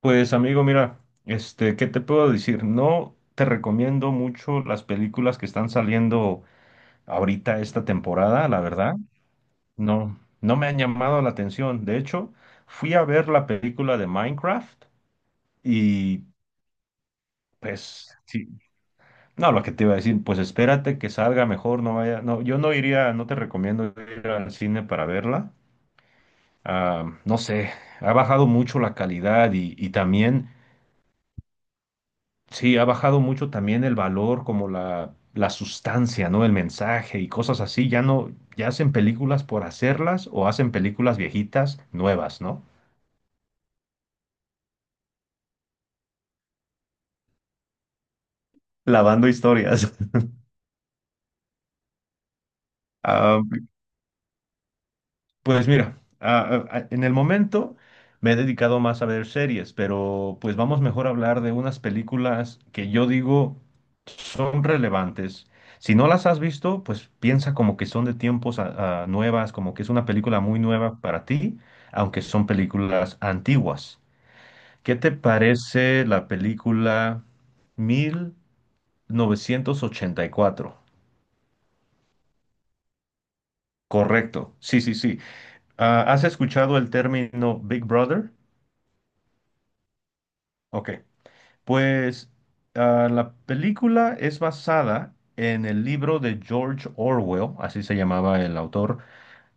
Pues amigo, mira, ¿qué te puedo decir? No te recomiendo mucho las películas que están saliendo ahorita esta temporada, la verdad. No, no me han llamado la atención. De hecho, fui a ver la película de Minecraft y pues sí. No, lo que te iba a decir, pues espérate que salga mejor, no vaya, no, yo no iría, no te recomiendo ir al cine para verla. Ah, no sé, ha bajado mucho la calidad y también. Sí, ha bajado mucho también el valor, como la sustancia, ¿no? El mensaje y cosas así. Ya no, ya hacen películas por hacerlas o hacen películas viejitas nuevas, ¿no? Lavando historias. Ah, Pues mira, en el momento me he dedicado más a ver series, pero pues vamos mejor a hablar de unas películas que yo digo son relevantes. Si no las has visto, pues piensa como que son de tiempos a nuevas, como que es una película muy nueva para ti, aunque son películas antiguas. ¿Qué te parece la película 1984? Correcto, sí, sí, sí. Ah, ¿has escuchado el término Big Brother? Ok. Pues la película es basada en el libro de George Orwell, así se llamaba el autor.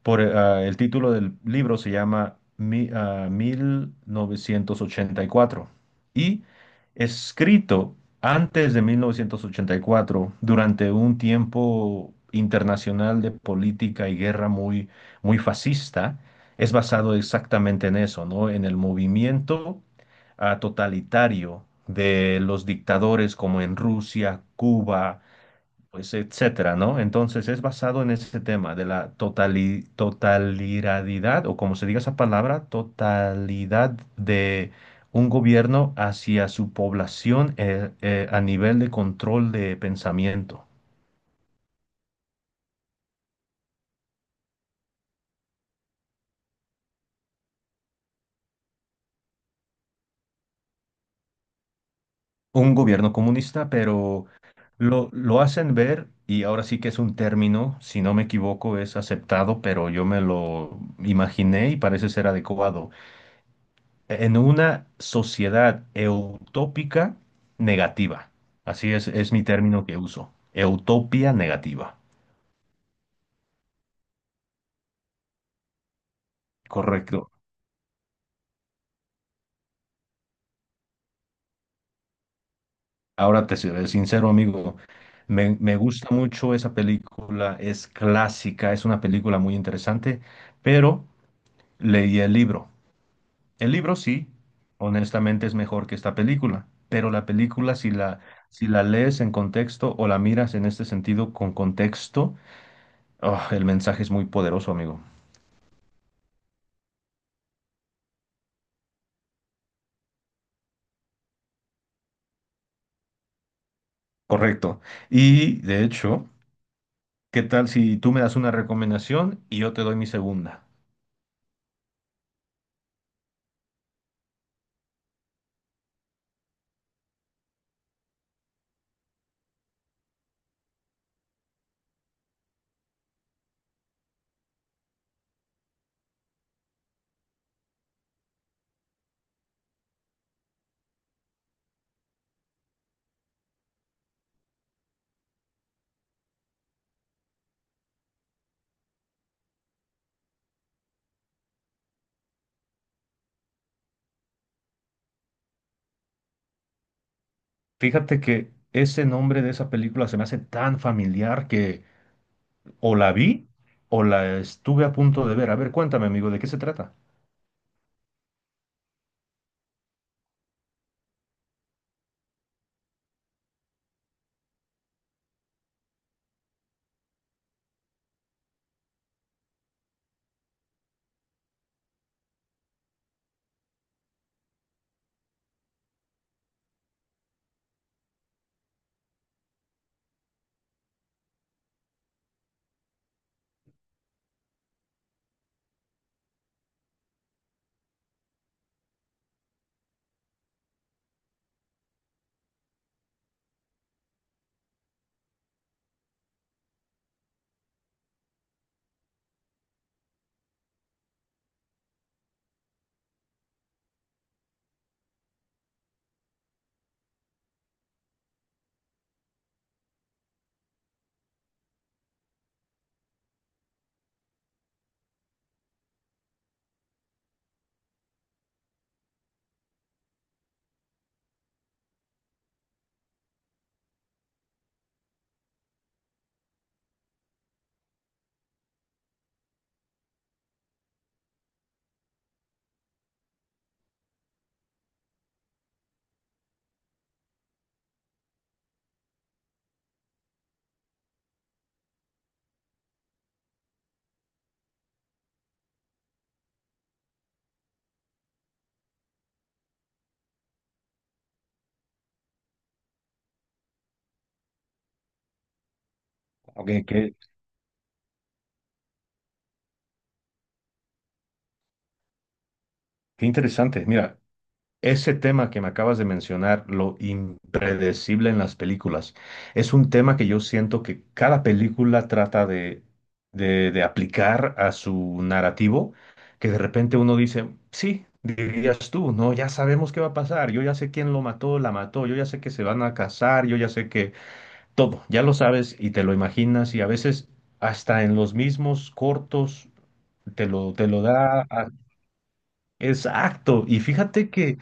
Por, el título del libro se llama 1984 y cuatro y escrito antes de 1984, durante un tiempo internacional de política y guerra muy, muy fascista. Es basado exactamente en eso, ¿no? En el movimiento totalitario de los dictadores como en Rusia, Cuba, pues etcétera, ¿no? Entonces es basado en ese tema de la totalidad, o como se diga esa palabra, totalidad de un gobierno hacia su población, a nivel de control de pensamiento. Un gobierno comunista, pero lo hacen ver, y ahora sí que es un término, si no me equivoco, es aceptado, pero yo me lo imaginé y parece ser adecuado. En una sociedad eutópica negativa. Así es mi término que uso. Utopía negativa. Correcto. Ahora te seré sincero, amigo. Me gusta mucho esa película, es clásica, es una película muy interesante, pero leí el libro. El libro sí, honestamente es mejor que esta película, pero la película si la lees en contexto o la miras en este sentido con contexto, oh, el mensaje es muy poderoso, amigo. Correcto. Y de hecho, ¿qué tal si tú me das una recomendación y yo te doy mi segunda? Fíjate que ese nombre de esa película se me hace tan familiar, que o la vi o la estuve a punto de ver. A ver, cuéntame, amigo, ¿de qué se trata? Ok, qué interesante. Mira, ese tema que me acabas de mencionar, lo impredecible en las películas, es un tema que yo siento que cada película trata de aplicar a su narrativo, que de repente uno dice, sí, dirías tú, no, ya sabemos qué va a pasar, yo ya sé quién lo mató, la mató, yo ya sé que se van a casar, yo ya sé que todo, ya lo sabes y te lo imaginas, y a veces hasta en los mismos cortos te lo da. Exacto, y fíjate que,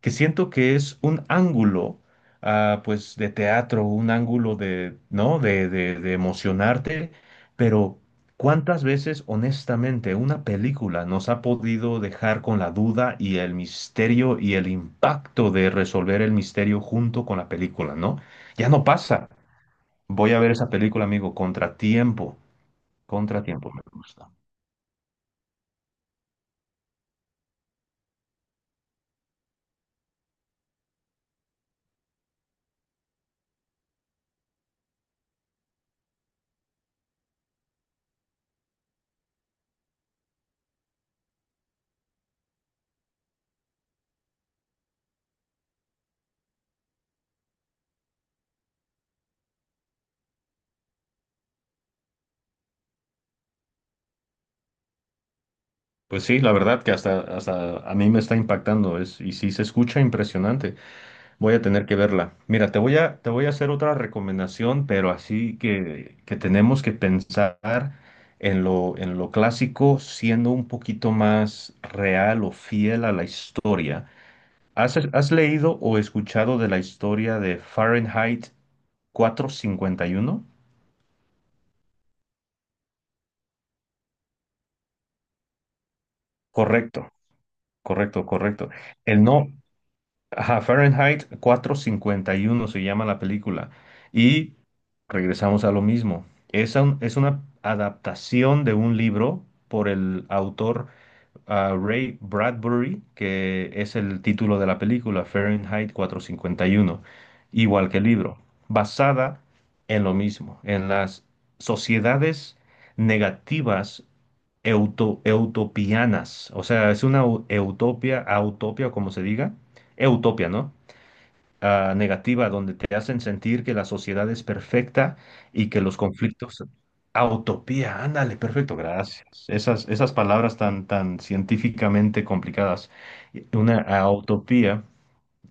que siento que es un ángulo, pues, de teatro, un ángulo de, ¿no? De emocionarte, pero ¿cuántas veces, honestamente, una película nos ha podido dejar con la duda y el misterio y el impacto de resolver el misterio junto con la película, ¿no? Ya no pasa. Voy a ver esa película, amigo, Contratiempo. Contratiempo me gusta. Pues sí, la verdad que hasta a mí me está impactando es, y sí se escucha impresionante. Voy a tener que verla. Mira, te voy a hacer otra recomendación, pero así que tenemos que pensar en lo clásico, siendo un poquito más real o fiel a la historia. ¿Has leído o escuchado de la historia de Fahrenheit 451? Correcto, correcto, correcto. El no, ajá, Fahrenheit 451 se llama la película. Y regresamos a lo mismo. Es una adaptación de un libro por el autor, Ray Bradbury, que es el título de la película, Fahrenheit 451, igual que el libro, basada en lo mismo, en las sociedades negativas eutopianas. O sea, es una utopia, como se diga. Utopia, ¿no? Negativa, donde te hacen sentir que la sociedad es perfecta y que los conflictos... Ah, utopía, ándale, perfecto, gracias. Esas palabras tan, tan científicamente complicadas. Una utopía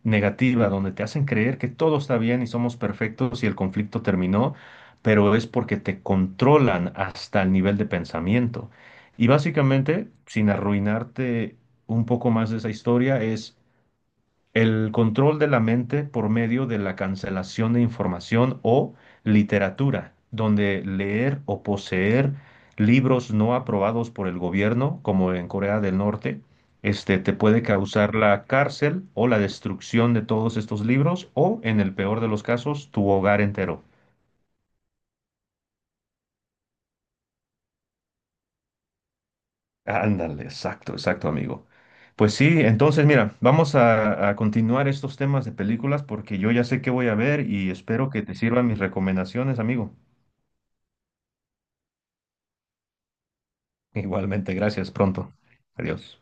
negativa, donde te hacen creer que todo está bien y somos perfectos y el conflicto terminó, pero es porque te controlan hasta el nivel de pensamiento. Y básicamente, sin arruinarte un poco más de esa historia, es... El control de la mente por medio de la cancelación de información o literatura, donde leer o poseer libros no aprobados por el gobierno, como en Corea del Norte, te puede causar la cárcel o la destrucción de todos estos libros o, en el peor de los casos, tu hogar entero. Ándale, exacto, exacto, amigo. Pues sí, entonces mira, vamos a continuar estos temas de películas, porque yo ya sé qué voy a ver y espero que te sirvan mis recomendaciones, amigo. Igualmente, gracias. Pronto. Adiós.